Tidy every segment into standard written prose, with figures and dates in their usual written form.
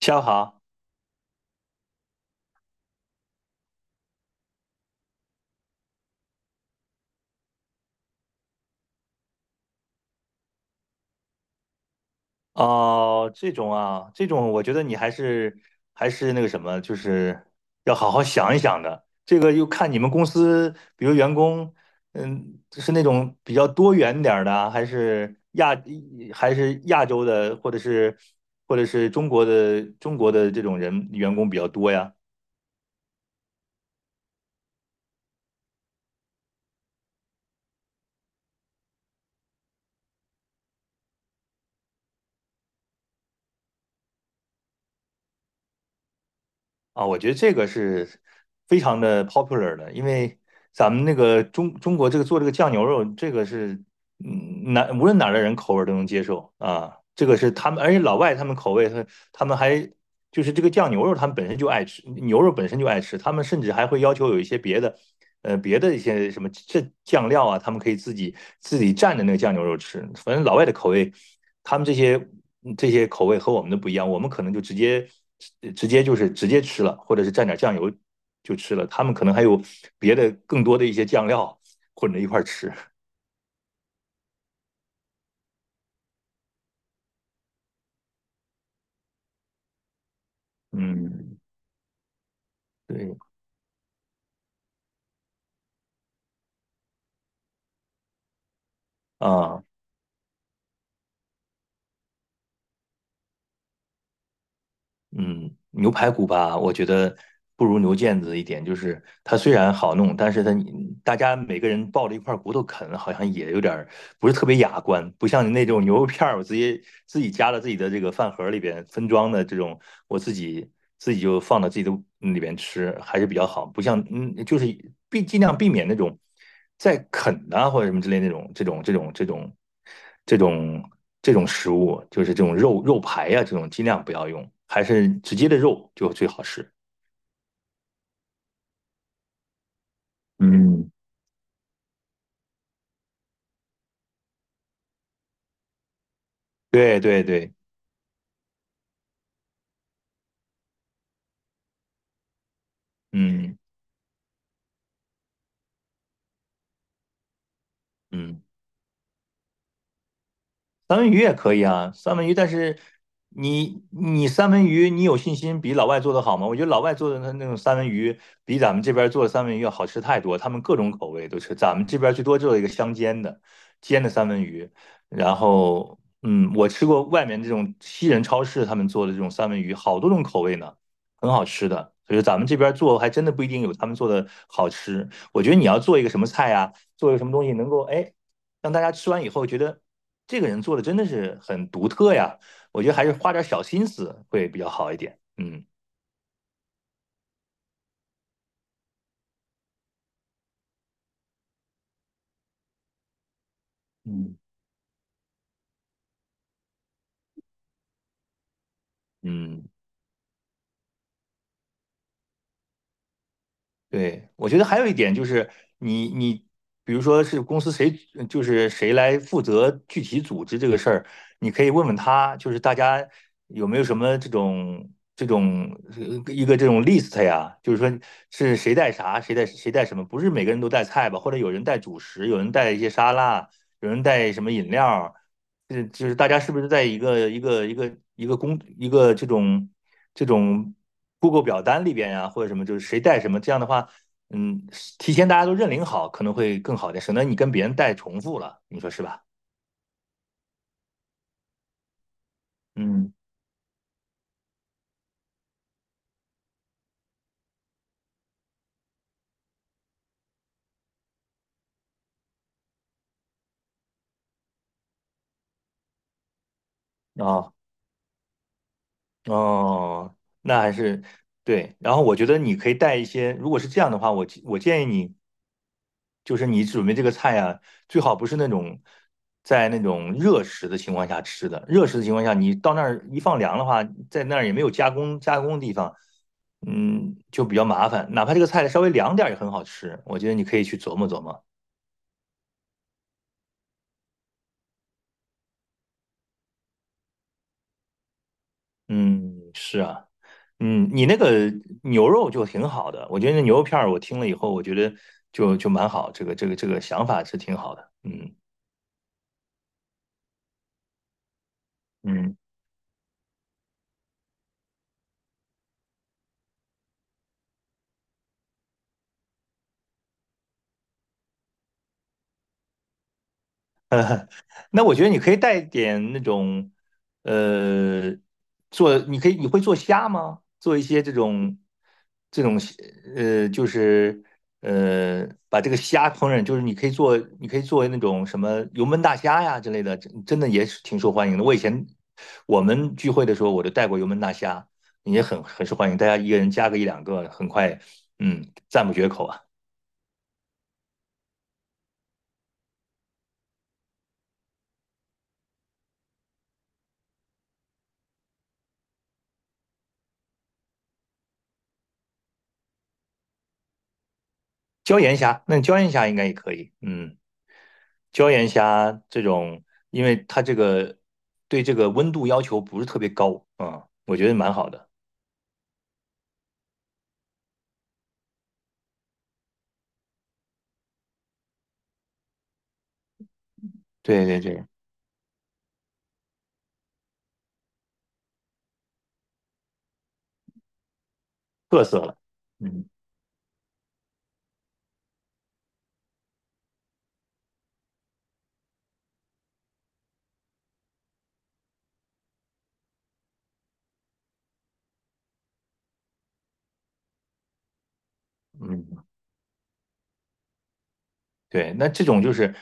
下午好。哦，这种啊，这种我觉得你还是还是那个什么，就是要好好想一想的。这个又看你们公司，比如员工，嗯，是那种比较多元点儿的啊还是亚洲的，或者是中国的这种人员工比较多呀？啊，我觉得这个是非常的 popular 的，因为咱们那个中国这个做这个酱牛肉，这个是无论哪儿的人口味儿都能接受啊，这个是他们，而且老外他们口味他们还就是这个酱牛肉，他们本身就爱吃，牛肉本身就爱吃，他们甚至还会要求有一些别的。别的一些什么这酱料啊，他们可以自己蘸着那个酱牛肉吃。反正老外的口味，他们这些这些口味和我们的不一样，我们可能就直接直接吃了，或者是蘸点酱油就吃了。他们可能还有别的更多的一些酱料混着一块儿吃。嗯，对啊，嗯，牛排骨吧，我觉得不如牛腱子一点，就是它虽然好弄，但是它大家每个人抱着一块骨头啃，好像也有点儿不是特别雅观，不像你那种牛肉片儿，我直接自己夹到自己的这个饭盒里边分装的这种，我自己自己就放到自己的里边吃，还是比较好，不像尽量避免那种在啃呐或者什么之类那种这种。这种这种食物，就是这种肉排呀、这种尽量不要用，还是直接的肉就最好吃。嗯，对对对。嗯嗯。三文鱼也可以啊，三文鱼，但是三文鱼，你有信心比老外做的好吗？我觉得老外做的那种三文鱼，比咱们这边做的三文鱼要好吃太多，他们各种口味都吃，咱们这边最多做一个香煎的，煎的三文鱼，然后嗯，我吃过外面这种西人超市他们做的这种三文鱼，好多种口味呢，很好吃的。所以说咱们这边做还真的不一定有他们做的好吃。我觉得你要做一个什么菜呀、做一个什么东西能够哎让大家吃完以后觉得这个人做的真的是很独特呀。我觉得还是花点小心思会比较好一点。嗯嗯嗯，对，我觉得还有一点就是你你。比如说是公司谁，就是谁来负责具体组织这个事儿，你可以问问他，就是大家有没有什么这种这种一个这种 list 呀？就是说是谁带啥，谁带什么？不是每个人都带菜吧？或者有人带主食，有人带一些沙拉，有人带什么饮料，就是大家是不是在一个这种这种 Google 表单里边呀、或者什么，就是谁带什么，这样的话，嗯，提前大家都认领好，可能会更好一点，省得你跟别人带重复了，你说是吧？嗯，啊、哦，那还是对。然后我觉得你可以带一些，如果是这样的话，我建议你，就是你准备这个菜啊，最好不是那种在那种热食的情况下吃的。热食的情况下，你到那儿一放凉的话，在那儿也没有加工的地方，嗯，就比较麻烦。哪怕这个菜稍微凉点儿也很好吃，我觉得你可以去琢磨琢磨。嗯，是啊。嗯，你那个牛肉就挺好的，我觉得那牛肉片儿我听了以后，我觉得就蛮好，这个想法是挺好的。嗯嗯，那我觉得你可以带点那种，呃，做你可以你会做虾吗？做一些这种呃，就是把这个虾烹饪，你可以做那种什么油焖大虾呀之类的，真真的也是挺受欢迎的。我以前我们聚会的时候，我就带过油焖大虾，也很受欢迎，大家一个人加个一两个，很快，嗯，赞不绝口啊。椒盐虾，那椒盐虾应该也可以，嗯。椒盐虾这种，因为它这个对这个温度要求不是特别高，嗯，我觉得蛮好的。对对对，特色了。嗯嗯。对，那这种就是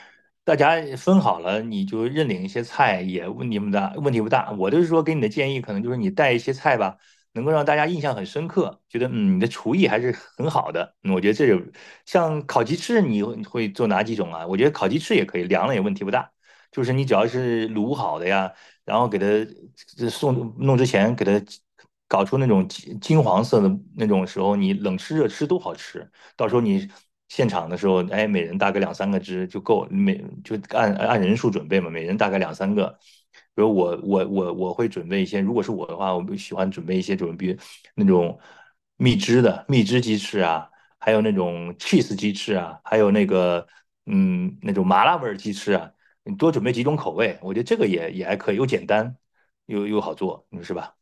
大家分好了，你就认领一些菜，也问题不大，问题不大。我就是说给你的建议，可能就是你带一些菜吧，能够让大家印象很深刻，觉得嗯你的厨艺还是很好的。嗯我觉得这种像烤鸡翅，你会做哪几种啊？我觉得烤鸡翅也可以，凉了也问题不大。就是你只要是卤好的呀，然后给它这送弄之前给它搞出那种金黄色的那种时候，你冷吃热吃都好吃。到时候你现场的时候，哎，每人大概两三个支就够，就按人数准备嘛，每人大概两三个。比如我会准备一些，如果是我的话，我喜欢准备那种蜜汁鸡翅啊，还有那种 cheese 鸡翅啊，还有那个嗯那种麻辣味鸡翅啊，你多准备几种口味，我觉得这个也还可以，又简单又好做，你说是吧？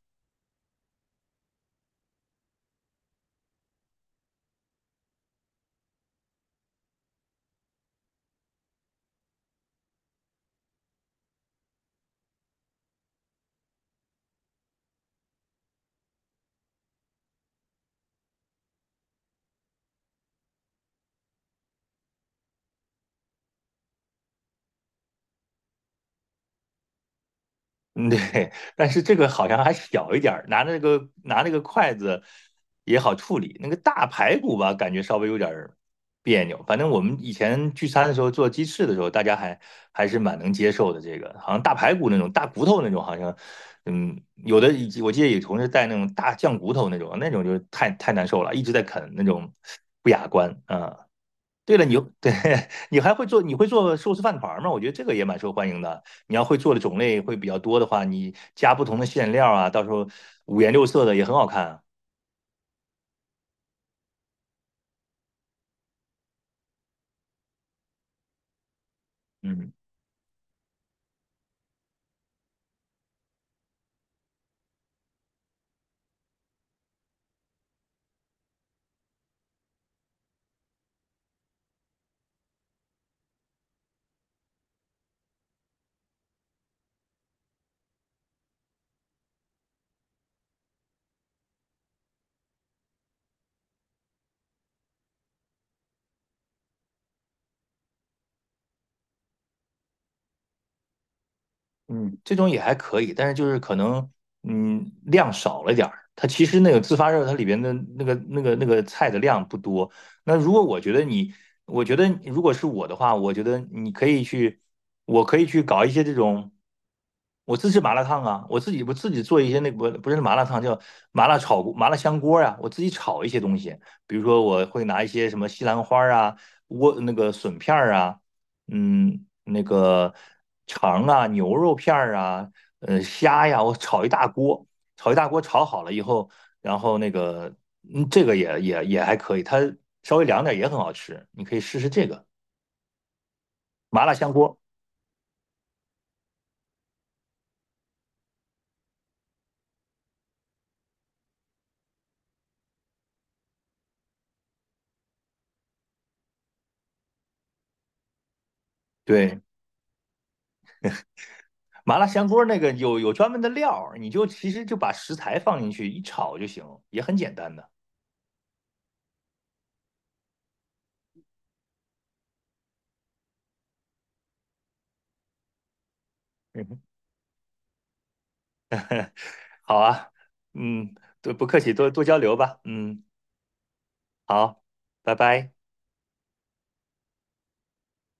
嗯，对，但是这个好像还小一点儿，拿那个筷子也好处理。那个大排骨吧，感觉稍微有点儿别扭。反正我们以前聚餐的时候做鸡翅的时候，大家还是蛮能接受的。这个好像大排骨那种大骨头那种，好像嗯，有的以及我记得有同事带那种大酱骨头那种，那种就太难受了，一直在啃那种不雅观啊。对了，你对 你会做寿司饭团吗？我觉得这个也蛮受欢迎的。你要会做的种类会比较多的话，你加不同的馅料啊，到时候五颜六色的也很好看啊。嗯。嗯，这种也还可以，但是就是可能，嗯，量少了点儿。它其实那个自发热，它里边的那个菜的量不多。那如果我觉得你，我觉得如果是我的话，我可以去搞一些这种，我自制麻辣烫啊，我自己做一些不不是麻辣烫，叫麻辣香锅啊，我自己炒一些东西，比如说我会拿一些什么西兰花啊、莴那个笋片儿啊。嗯，那个肠啊、牛肉片儿啊、呃虾呀，我炒一大锅，炒好了以后，然后那个这个也还可以，它稍微凉点也很好吃，你可以试试这个麻辣香锅。对，麻辣香锅那个有专门的料儿你就其实就把食材放进去一炒就行，也很简单的。嗯哼。好啊，嗯，对，不客气，多多交流吧。嗯，好，拜拜。